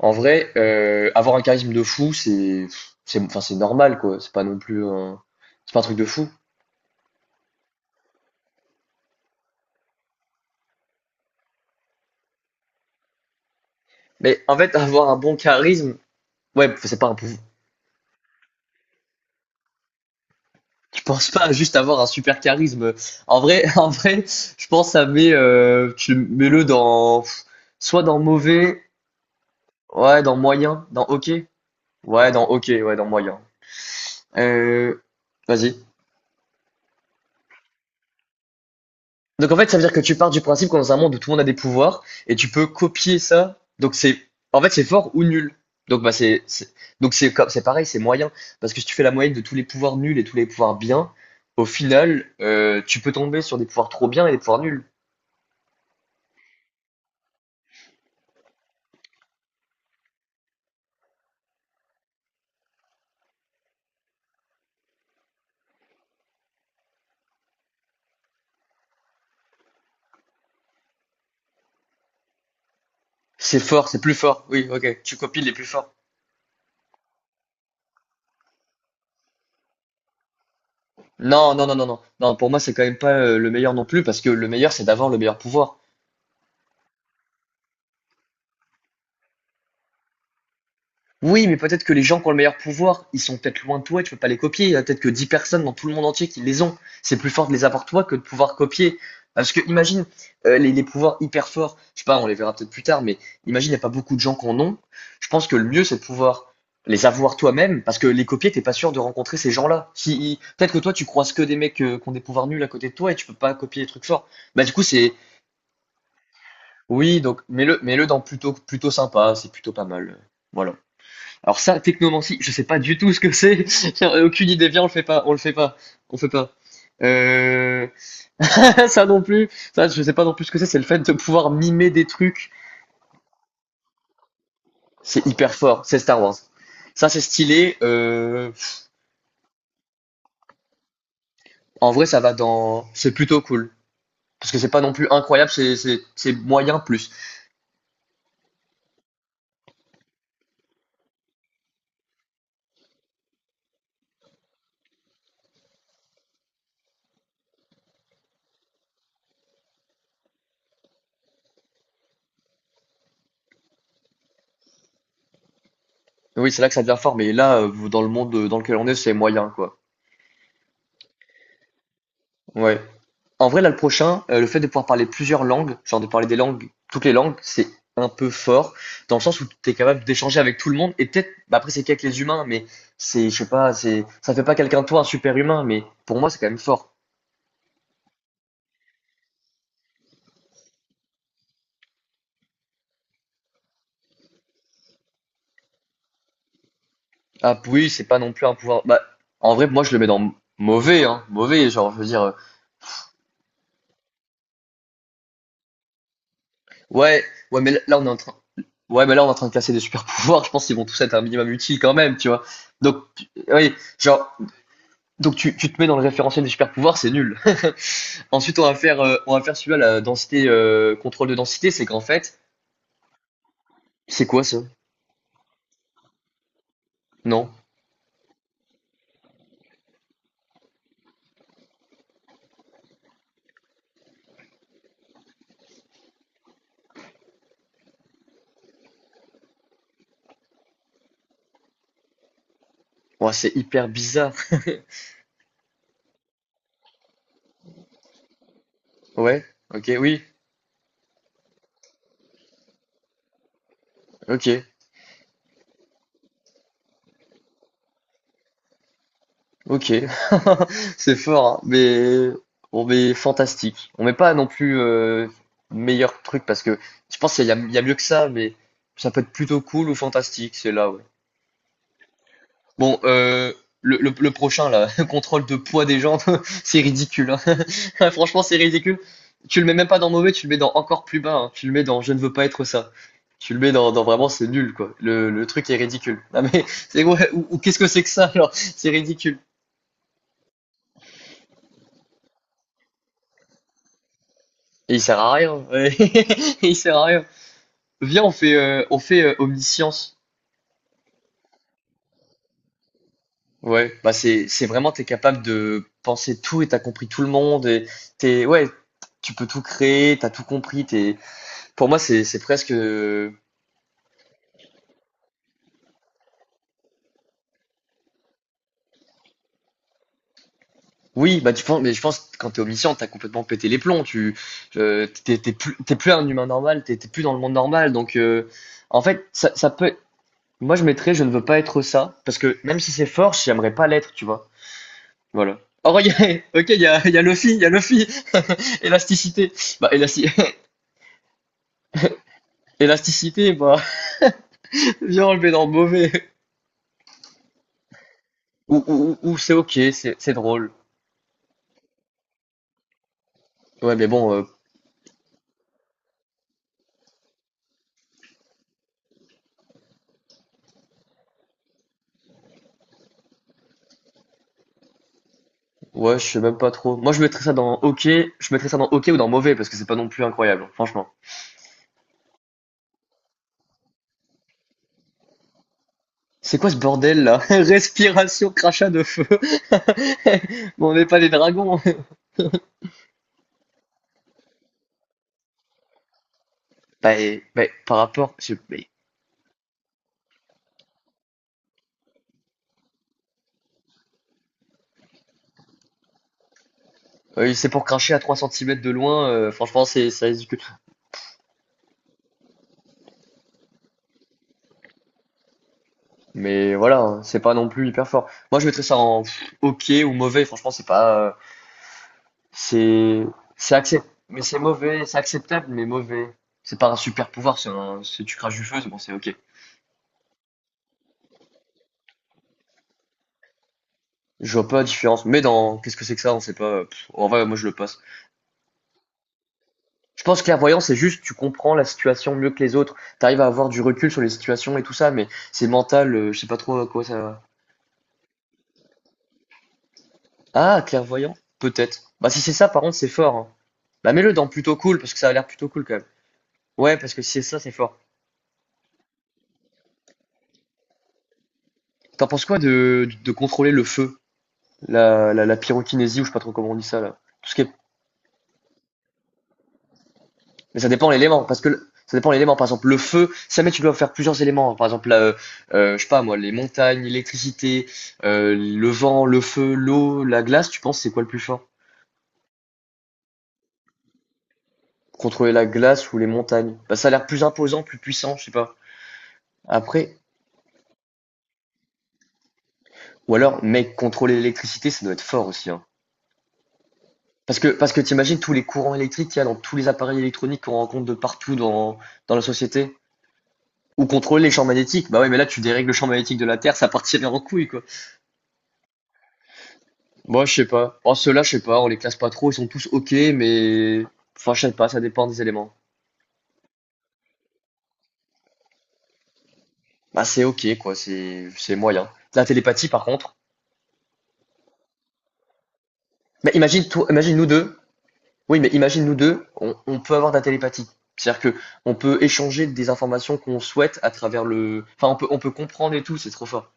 En vrai, avoir un charisme de fou, c'est enfin, c'est normal, quoi. C'est pas non plus un c'est pas un truc de fou. Mais en fait, avoir un bon charisme, ouais, c'est pas un pou je pense pas à juste avoir un super charisme, en vrai en vrai, je pense tu mets-le dans soit dans mauvais, ouais, dans moyen, dans OK? Ouais, dans OK, ouais, dans moyen. Heu, Vas-y. Donc en fait, ça veut dire que tu pars du principe qu'on est dans un monde où tout le monde a des pouvoirs et tu peux copier ça. Donc c'est En fait, c'est fort ou nul. Donc bah c'est pareil, c'est moyen parce que si tu fais la moyenne de tous les pouvoirs nuls et tous les pouvoirs bien, au final, tu peux tomber sur des pouvoirs trop bien et des pouvoirs nuls. C'est fort, c'est plus fort. Oui, ok, tu copies les plus forts. Non, non, non, non, non. Non, pour moi, c'est quand même pas le meilleur non plus parce que le meilleur c'est d'avoir le meilleur pouvoir. Oui, mais peut-être que les gens qui ont le meilleur pouvoir, ils sont peut-être loin de toi et tu peux pas les copier. Il y a peut-être que 10 personnes dans tout le monde entier qui les ont. C'est plus fort de les avoir toi que de pouvoir copier. Parce que imagine les pouvoirs hyper forts, je sais pas, on les verra peut-être plus tard, mais imagine il n'y a pas beaucoup de gens qui en ont. Je pense que le mieux c'est de pouvoir les avoir toi-même, parce que les copier, t'es pas sûr de rencontrer ces gens-là. Si ils- Peut-être que toi tu croises que des mecs qui ont des pouvoirs nuls à côté de toi et tu peux pas copier les trucs forts. Bah du coup c'est oui, donc mets-le dans plutôt sympa, c'est plutôt pas mal. Voilà. Alors ça, technomancie, je sais pas du tout ce que c'est. Tiens, aucune idée. Viens, on le fait pas. On le fait pas. On le fait pas. Euh... Ça non plus. Ça, je sais pas non plus ce que c'est. C'est le fait de pouvoir mimer des trucs. C'est hyper fort. C'est Star Wars. Ça, c'est stylé. En vrai, ça va dans. C'est plutôt cool. Parce que c'est pas non plus incroyable. C'est moyen plus. Oui, c'est là que ça devient fort. Mais là, dans le monde dans lequel on est, c'est moyen quoi. Ouais. En vrai, là, le prochain, le fait de pouvoir parler plusieurs langues, genre de parler des langues, toutes les langues, c'est un peu fort, dans le sens où tu es capable d'échanger avec tout le monde et peut-être, bah, après c'est qu'avec les humains, mais c'est, je sais pas, c'est, ça fait pas quelqu'un de toi un super humain, mais pour moi c'est quand même fort. Ah oui, c'est pas non plus un pouvoir. Bah, en vrai, moi je le mets dans mauvais, hein, mauvais, genre je veux dire, ouais, ouais, mais là on est en train de casser des super pouvoirs, je pense qu'ils vont tous être un minimum utiles quand même, tu vois? Donc, oui, genre, donc tu te mets dans le référentiel des super pouvoirs, c'est nul. Ensuite, on va faire celui-là, la densité, contrôle de densité, c'est qu'en fait, c'est quoi ça? Non. Ouais, c'est hyper bizarre. Ouais, ok, oui, ok, ok. C'est fort, hein, mais bon, mais fantastique. On met pas non plus meilleur truc parce que je pense qu'il y a mieux que ça, mais ça peut être plutôt cool ou fantastique, c'est là, ouais. Bon, le prochain là, contrôle de poids des jambes, c'est ridicule. Hein. Franchement, c'est ridicule. Tu le mets même pas dans mauvais, tu le mets dans encore plus bas. Hein. Tu le mets dans je ne veux pas être ça. Tu le mets dans vraiment c'est nul quoi. Le truc est ridicule. Non mais c'est ouais, ou qu'est-ce que c'est que ça alors? C'est ridicule. Et il sert à rien, ouais. Il sert à rien. Viens, on fait omniscience. Ouais, bah c'est vraiment t'es capable de penser tout et t'as compris tout le monde et t'es ouais, tu peux tout créer, t'as tout compris, t'es pour moi, c'est presque. Oui, bah tu penses, mais je pense que quand t'es omniscient, t'as complètement pété les plombs. T'es plus, t'es plus un humain normal, t'es plus dans le monde normal. Donc, en fait, ça peut. Moi, je mettrais, je ne veux pas être ça, parce que même si c'est fort, j'aimerais pas l'être, tu vois. Voilà. Oh, regarde, ok, il y a Luffy, il y a Luffy, élasticité. Bah, élasticité, bah, viens enlever dans le mauvais. Ou c'est ok, c'est drôle. Ouais, mais bon, ouais, je sais même pas trop. Moi, je mettrais ça dans hockey. Je mettrais ça dans hockey ou dans mauvais parce que c'est pas non plus incroyable, franchement. C'est quoi ce bordel là? Respiration, crachat de feu. Bon, on n'est pas des dragons. Bah, bah, par rapport, mais, c'est pour cracher à 3 centimètres de loin. Franchement, c'est ça risque. Mais voilà, hein, c'est pas non plus hyper fort. Moi, je mettrais ça en pff, hockey ou mauvais. Franchement, c'est pas, c'est, c'est acceptable. Mais c'est mauvais, c'est acceptable, mais mauvais. C'est pas un super pouvoir. Si tu craches du feu, c'est bon, c'est ok. Je vois pas la différence. Mais dans qu'est-ce que c'est que ça, on sait pas. Pff, en vrai, moi je le passe. Je pense que clairvoyant, c'est juste tu comprends la situation mieux que les autres. T'arrives à avoir du recul sur les situations et tout ça, mais c'est mental. Je sais pas trop à quoi ça. Ah, clairvoyant, peut-être. Bah si c'est ça, par contre, c'est fort, hein. Bah mets-le dans plutôt cool parce que ça a l'air plutôt cool quand même. Ouais, parce que si c'est ça, c'est fort. T'en penses quoi de contrôler le feu, la pyrokinésie ou je sais pas trop comment on dit ça là. Tout ce qui est... Mais ça dépend l'élément, parce que ça dépend l'élément. Par exemple, le feu, ça... mais tu dois faire plusieurs éléments, hein. Par exemple, je sais pas moi, les montagnes, l'électricité, le vent, le feu, l'eau, la glace. Tu penses c'est quoi le plus fort? Contrôler la glace ou les montagnes? Bah, ça a l'air plus imposant, plus puissant, je sais pas. Après, ou alors, mec, contrôler l'électricité, ça doit être fort aussi, hein. Parce que t'imagines tous les courants électriques qu'il y a dans tous les appareils électroniques qu'on rencontre de partout dans la société. Ou contrôler les champs magnétiques. Bah ouais, mais là, tu dérègles le champ magnétique de la Terre, ça partirait en couille, quoi. Moi, je sais pas. En ceux-là, je sais pas, on les classe pas trop, ils sont tous OK, mais. Enfin, je sais pas, ça dépend des éléments. Bah, c'est OK, quoi, c'est moyen. La télépathie, par contre. Mais imagine, toi, imagine nous deux. Oui, mais imagine nous deux, on peut avoir de la télépathie. C'est-à-dire que on peut échanger des informations qu'on souhaite à travers le. Enfin, on peut comprendre et tout, c'est trop fort.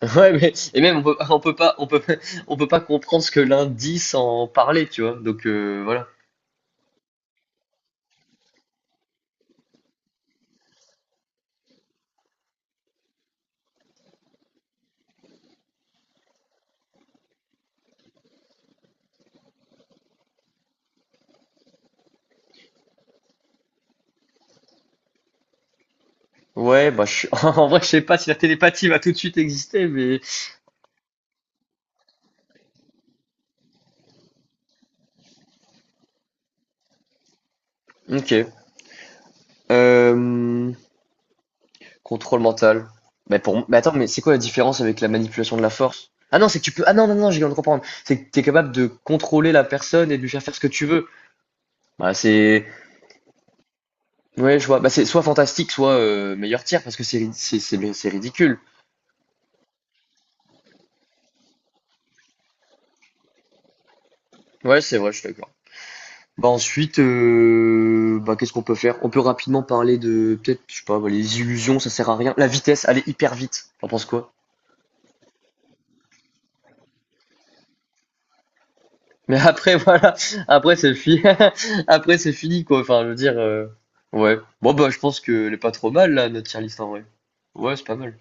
Ouais, mais et même on peut pas comprendre ce que l'un dit sans parler, tu vois. Donc voilà. Ouais, bah en vrai, je sais pas si la télépathie va tout de suite exister, mais ok. Euh, Contrôle mental. Mais, mais attends, mais c'est quoi la différence avec la manipulation de la force? Ah non, c'est que tu peux. Ah non, non, non, j'ai viens de comprendre. C'est que tu es capable de contrôler la personne et de lui faire faire ce que tu veux. Bah, c'est. Ouais, je vois. Bah, c'est soit fantastique, soit meilleur tir, parce que c'est ridicule. Ouais, c'est vrai, je suis d'accord. Bah, ensuite, bah, qu'est-ce qu'on peut faire? On peut rapidement parler de. Peut-être, je sais pas, bah, les illusions, ça sert à rien. La vitesse, aller hyper vite. T'en penses quoi? Mais après, voilà, après c'est fini. Après c'est fini quoi. Enfin, je veux dire, ouais. Bon bah, je pense qu'elle est pas trop mal là notre tier list en vrai. Ouais, c'est pas mal.